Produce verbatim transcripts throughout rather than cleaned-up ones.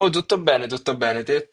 Oh, tutto bene, tutto bene, te?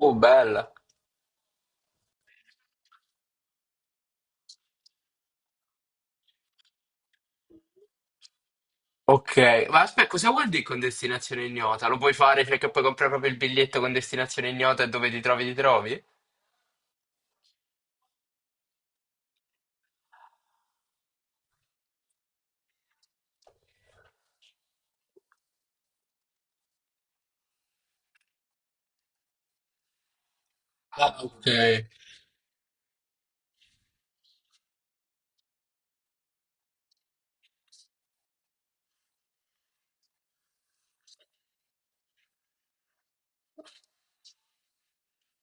Oh, bella. Ok, ma aspetta, cosa vuol dire con destinazione ignota? Lo puoi fare perché puoi comprare proprio il biglietto con destinazione ignota e dove ti trovi, ti trovi? Ah, ok.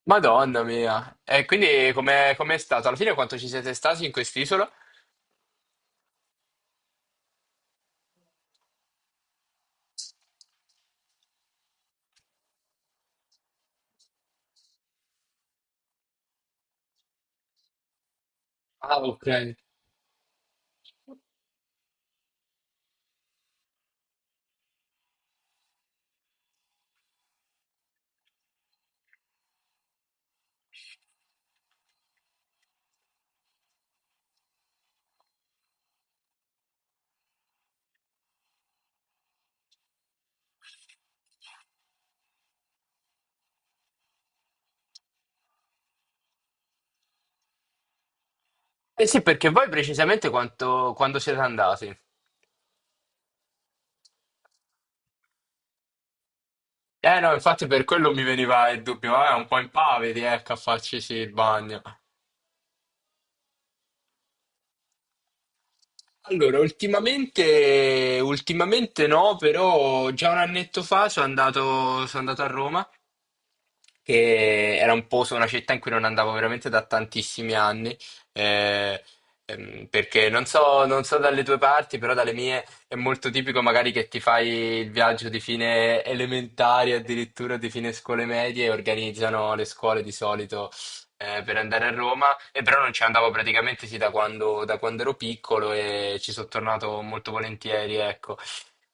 Madonna mia. E quindi com'è com'è stato? Alla fine quanto ci siete stati in quest'isola? Ah, ok. Eh sì, perché voi precisamente quanto, quando siete andati? Eh no, infatti per quello mi veniva il dubbio, eh, un po' impavidi, ecco, a farci sì il bagno. Allora, ultimamente, ultimamente no, però già un annetto fa sono andato, sono andato a Roma, che era un posto, una città in cui non andavo veramente da tantissimi anni, eh, ehm, perché non so, non so dalle tue parti, però dalle mie è molto tipico magari che ti fai il viaggio di fine elementare, addirittura di fine scuole medie, e organizzano le scuole di solito eh, per andare a Roma e però non ci andavo praticamente sì, da quando, da quando ero piccolo e ci sono tornato molto volentieri, ecco.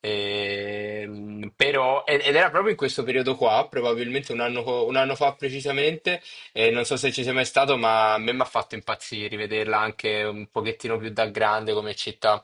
Ehm, però, ed ed era proprio in questo periodo qua, probabilmente un anno, co- un anno fa precisamente, e non so se ci sei mai stato, ma a me mi ha fatto impazzire rivederla anche un pochettino più da grande come città.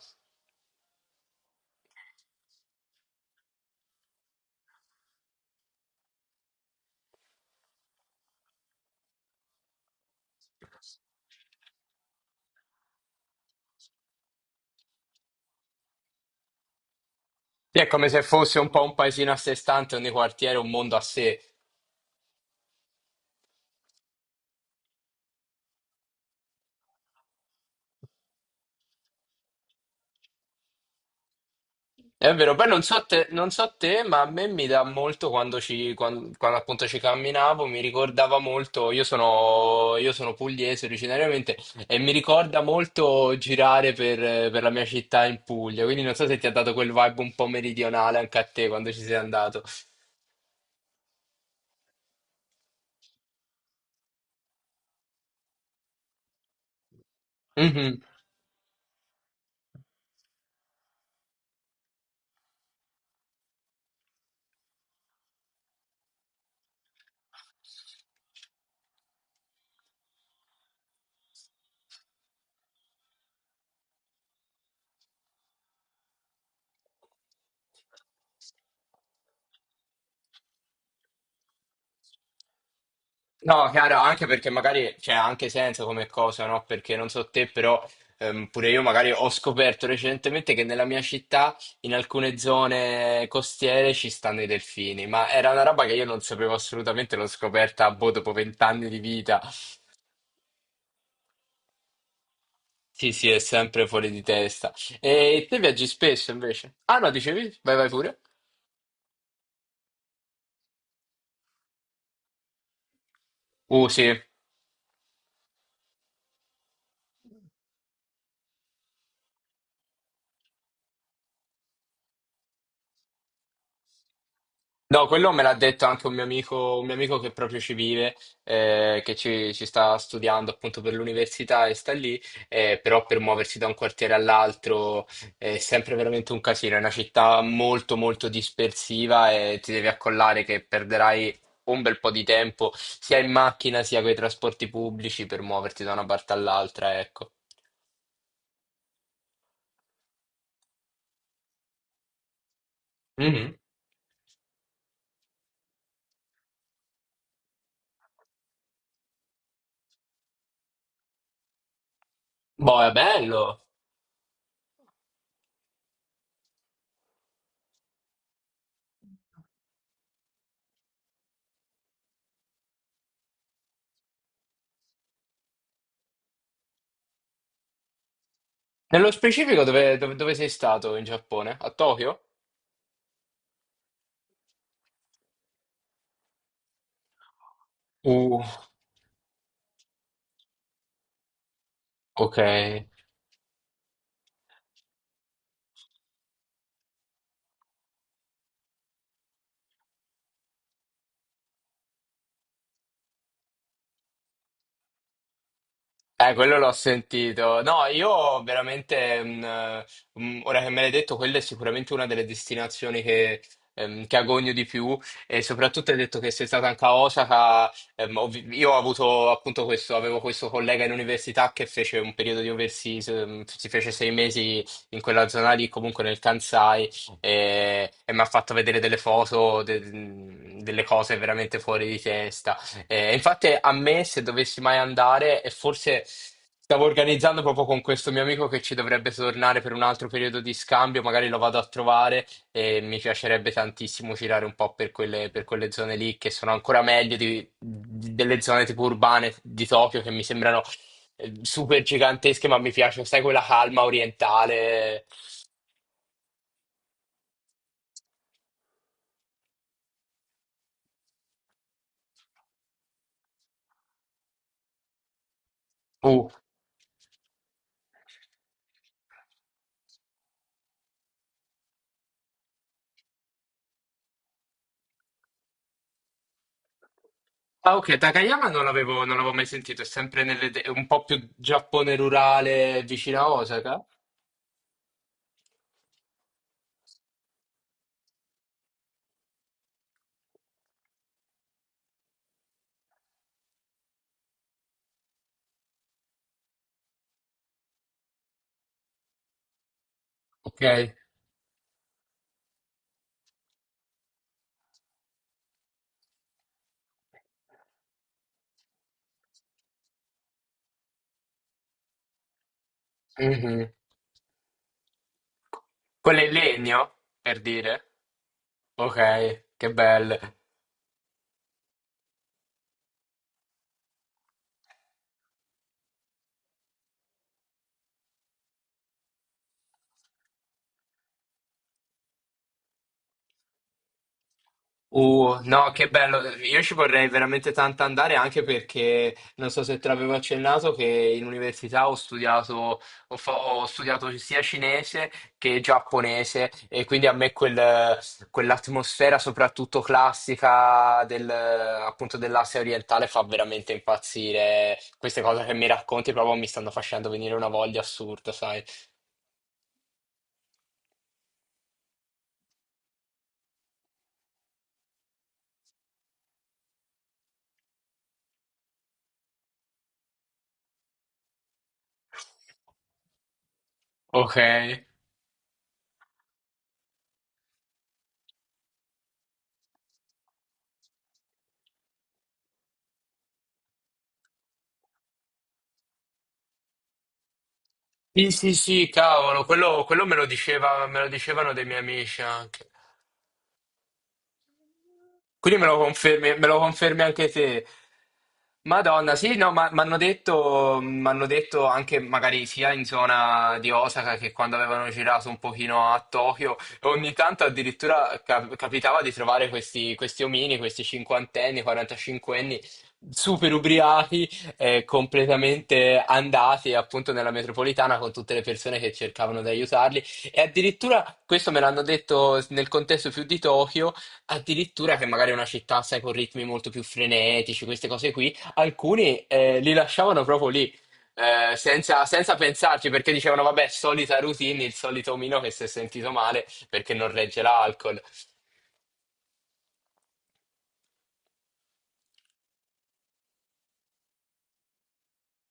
Sì, è come se fosse un po' un paesino a sé stante, ogni quartiere un mondo a sé. È vero, poi non so te, non so te, ma a me mi dà molto quando, ci, quan- quando appunto ci camminavo, mi ricordava molto, io sono, io sono pugliese originariamente e mi ricorda molto girare per, per la mia città in Puglia, quindi non so se ti ha dato quel vibe un po' meridionale anche a te quando ci sei andato. Mhm. No, Chiara, anche perché magari c'è anche senso come cosa, no? Perché non so te, però ehm, pure io magari ho scoperto recentemente che nella mia città, in alcune zone costiere, ci stanno i delfini, ma era una roba che io non sapevo assolutamente, l'ho scoperta, boh, dopo vent'anni di vita. Sì, sì, è sempre fuori di testa. E te viaggi spesso invece? Ah no, dicevi? Vai, vai pure. Uh, sì. No, quello me l'ha detto anche un mio amico, un mio amico che proprio ci vive, eh, che ci, ci sta studiando appunto per l'università e sta lì, eh, però per muoversi da un quartiere all'altro eh, è sempre veramente un casino. È una città molto molto dispersiva e ti devi accollare che perderai un bel po' di tempo sia in macchina sia con i trasporti pubblici per muoverti da una parte all'altra, ecco. Mhm. Boh, è bello. Nello specifico dove, dove dove sei stato in Giappone? A Tokyo? Uh. Ok, eh, quello l'ho sentito. No, io veramente, mm, eh, mm, ora che me l'hai detto, quella è sicuramente una delle destinazioni che, ehm, che agogno di più e soprattutto hai detto che sei stata anche a Osaka. Ehm, ovvi- io ho avuto appunto questo, avevo questo collega in università che fece un periodo di overseas, ehm, si fece sei mesi in quella zona lì, comunque nel Kansai, e, e mi ha fatto vedere delle foto, de- mm, delle cose veramente fuori di testa. Eh, infatti a me se dovessi mai andare, e forse stavo organizzando proprio con questo mio amico che ci dovrebbe tornare per un altro periodo di scambio, magari lo vado a trovare e mi piacerebbe tantissimo girare un po' per quelle, per quelle zone lì che sono ancora meglio di- di- delle zone tipo urbane di Tokyo che mi sembrano eh, super gigantesche, ma mi piace, sai, quella calma orientale. Uh. Ah, ok, Takayama non l'avevo non l'avevo mai sentito, è sempre nelle de- un po' più Giappone rurale vicino a Osaka. Ok. Mhm. Quello è in legno, per dire. Ok, che bello. Uh, no, che bello, io ci vorrei veramente tanto andare anche perché non so se te l'avevo accennato che in università ho studiato, ho, fa- ho studiato sia cinese che giapponese e quindi a me quel- quell'atmosfera soprattutto classica del, appunto dell'Asia orientale fa veramente impazzire. Queste cose che mi racconti proprio mi stanno facendo venire una voglia assurda, sai? Ok. Sì, sì, sì, cavolo, quello, quello me lo diceva, me lo dicevano dei miei amici anche. Quindi me lo confermi, me lo confermi anche te. Madonna, sì, no, ma mi hanno detto, m'hanno detto anche magari sia in zona di Osaka che quando avevano girato un pochino a Tokyo, ogni tanto addirittura cap- capitava di trovare questi, questi omini, questi cinquantenni, quarantacinquenni, super ubriachi, eh, completamente andati appunto nella metropolitana con tutte le persone che cercavano di aiutarli. E addirittura questo me l'hanno detto nel contesto più di Tokyo. Addirittura che magari è una città, sai, con ritmi molto più frenetici, queste cose qui, alcuni eh, li lasciavano proprio lì, eh, senza, senza pensarci, perché dicevano, vabbè, solita routine, il solito omino che si è sentito male perché non regge l'alcol.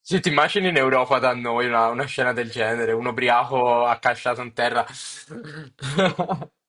Se ti immagini in Europa da noi una, una scena del genere, un ubriaco accasciato in terra.